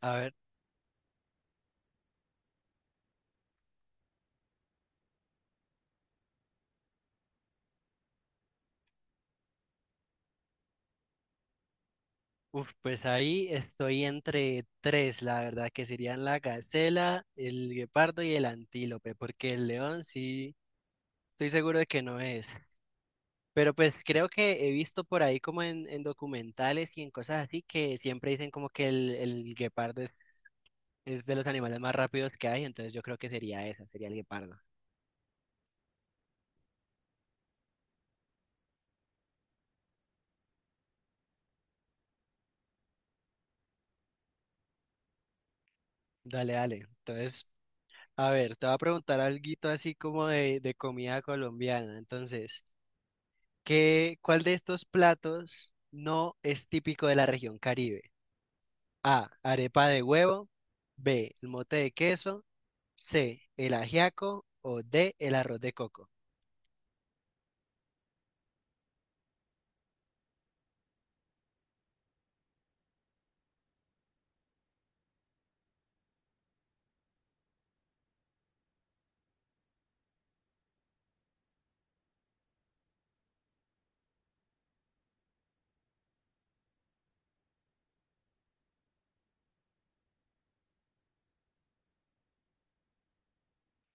A ver, pues ahí estoy entre tres, la verdad, que serían la gacela, el guepardo y el antílope, porque el león sí, estoy seguro de que no es. Pero pues creo que he visto por ahí como en documentales y en cosas así que siempre dicen como que el guepardo es de los animales más rápidos que hay, entonces yo creo que sería esa, sería el guepardo. Dale, dale. Entonces, a ver, te voy a preguntar algo así como de comida colombiana. Entonces, ¿cuál de estos platos no es típico de la región Caribe? A, arepa de huevo, B, el mote de queso, C, el ajiaco o D, el arroz de coco.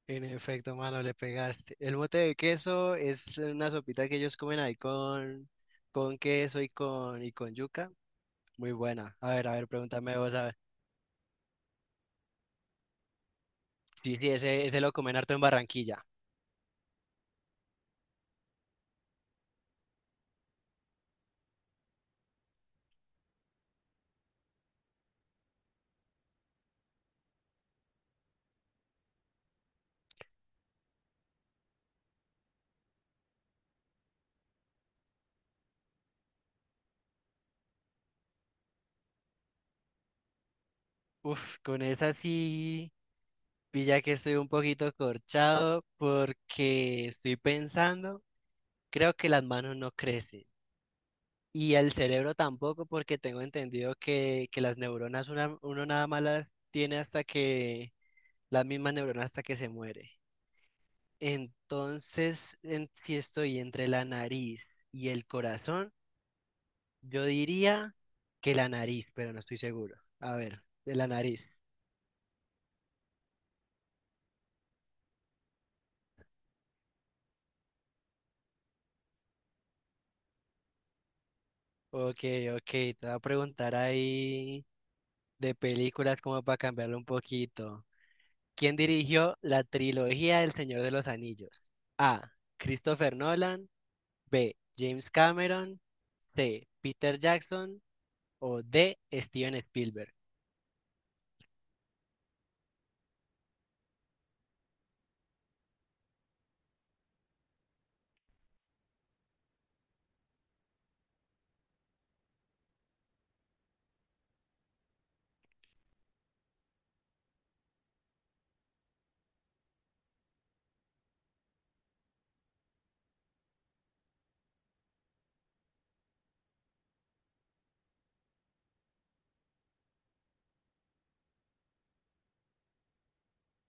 En efecto, mano, le pegaste. El mote de queso es una sopita que ellos comen ahí con queso y con yuca. Muy buena. A ver, pregúntame vos, a ver. Sí, sí, ese lo comen harto en Barranquilla. Uf, con esa sí. Pilla que estoy un poquito corchado porque estoy pensando, creo que las manos no crecen y el cerebro tampoco porque tengo entendido que las neuronas uno nada más las tiene hasta que, las mismas neuronas hasta que se muere. Entonces, si estoy entre la nariz y el corazón, yo diría que la nariz, pero no estoy seguro. A ver, de la nariz. Ok, ok, te voy a preguntar ahí. De películas como para cambiarlo un poquito. ¿Quién dirigió la trilogía del Señor de los Anillos? A, Christopher Nolan. B, James Cameron. C, Peter Jackson. O D, Steven Spielberg.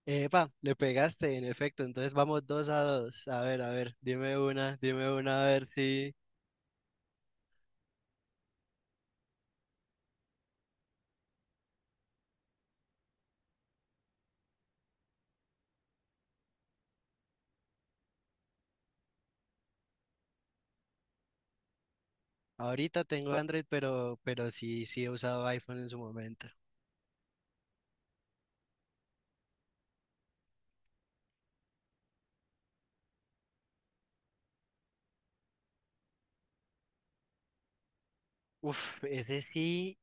Epa, le pegaste, en efecto. Entonces vamos dos a dos. A ver, dime una, a ver si. Ahorita tengo Android, pero sí, sí he usado iPhone en su momento. Uf, ese sí.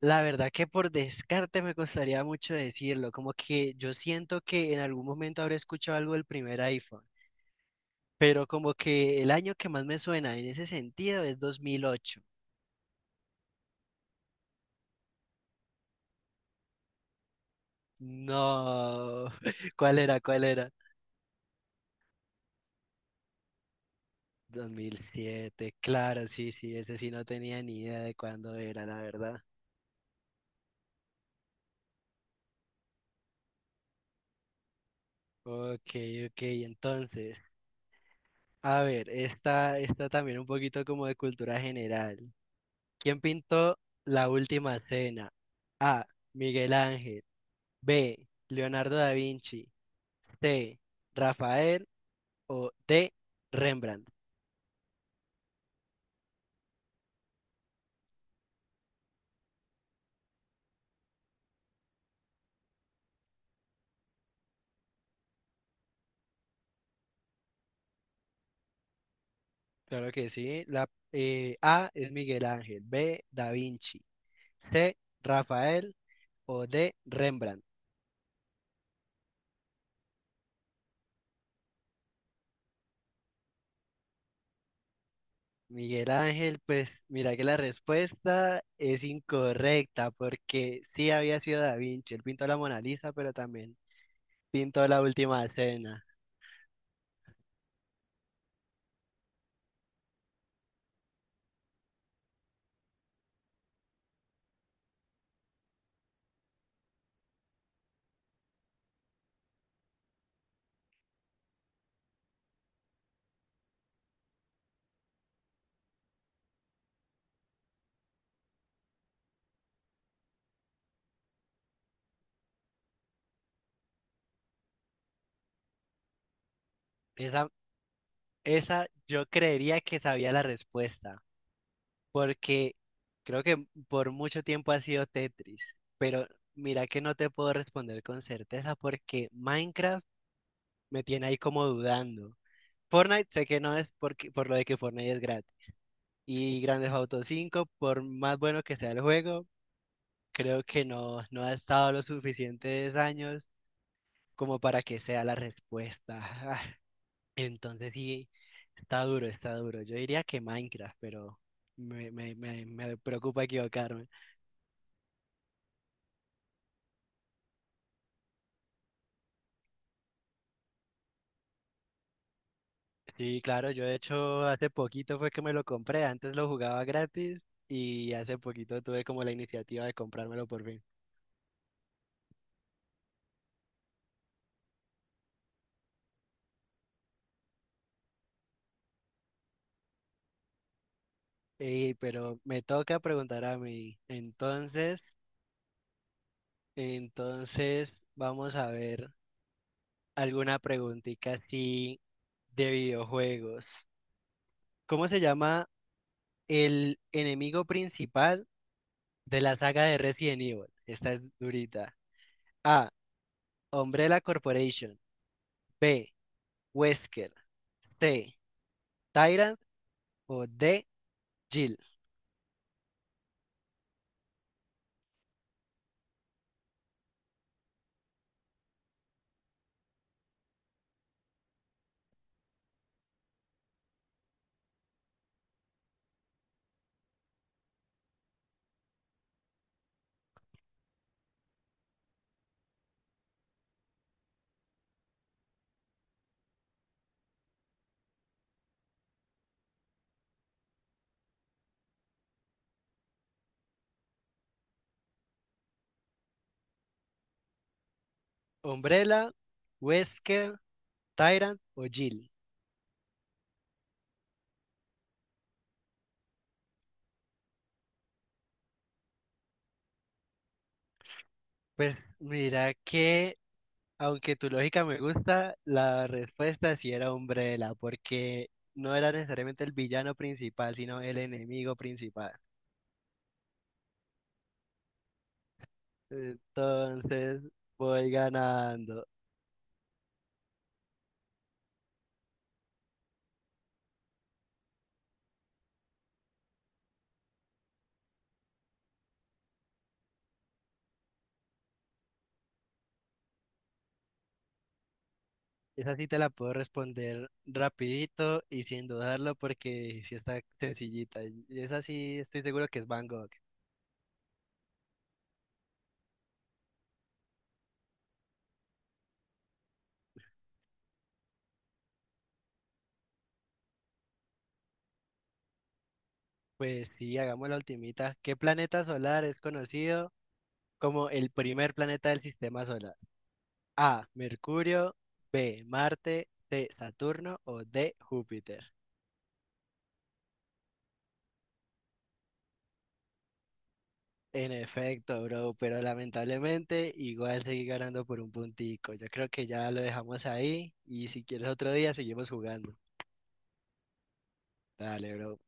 La verdad que por descarte me costaría mucho decirlo, como que yo siento que en algún momento habré escuchado algo del primer iPhone, pero como que el año que más me suena en ese sentido es 2008. No, ¿cuál era? ¿Cuál era? 2007, claro, sí, sí, ese sí no tenía ni idea de cuándo era, la verdad. Ok, ok, entonces, a ver, esta también un poquito como de cultura general. ¿Quién pintó La Última Cena? A, Miguel Ángel. B, Leonardo da Vinci. C, Rafael. O D, Rembrandt. Claro que sí. A es Miguel Ángel. B, Da Vinci. C, Rafael. O D, Rembrandt. Miguel Ángel, pues mira que la respuesta es incorrecta porque sí había sido Da Vinci. Él pintó la Mona Lisa, pero también pintó la Última Cena. Esa, Esa yo creería que sabía la respuesta, porque creo que por mucho tiempo ha sido Tetris, pero mira que no te puedo responder con certeza porque Minecraft me tiene ahí como dudando. Fortnite sé que no es porque, por lo de que Fortnite es gratis. Y Grand Theft Auto 5, por más bueno que sea el juego, creo que no, no ha estado los suficientes años como para que sea la respuesta. Entonces sí, está duro, está duro. Yo diría que Minecraft, pero me preocupa equivocarme. Sí, claro, yo de hecho hace poquito fue que me lo compré, antes lo jugaba gratis y hace poquito tuve como la iniciativa de comprármelo por fin. Ey, pero me toca preguntar a mí, entonces, entonces vamos a ver alguna preguntita así de videojuegos. ¿Cómo se llama el enemigo principal de la saga de Resident Evil? Esta es durita. A, Umbrella Corporation. B, Wesker. C, Tyrant. O D, Jill. Umbrella, Wesker, Tyrant o Jill. Pues mira que, aunque tu lógica me gusta, la respuesta sí era Umbrella, porque no era necesariamente el villano principal, sino el enemigo principal. Entonces voy ganando. Esa sí te la puedo responder rapidito y sin dudarlo porque sí está sencillita. Y esa sí estoy seguro que es Van Gogh. Pues sí, hagamos la ultimita. ¿Qué planeta solar es conocido como el primer planeta del sistema solar? A, Mercurio, B, Marte, C, Saturno o D, Júpiter. En efecto, bro, pero lamentablemente igual seguí ganando por un puntico. Yo creo que ya lo dejamos ahí y si quieres otro día seguimos jugando. Dale, bro.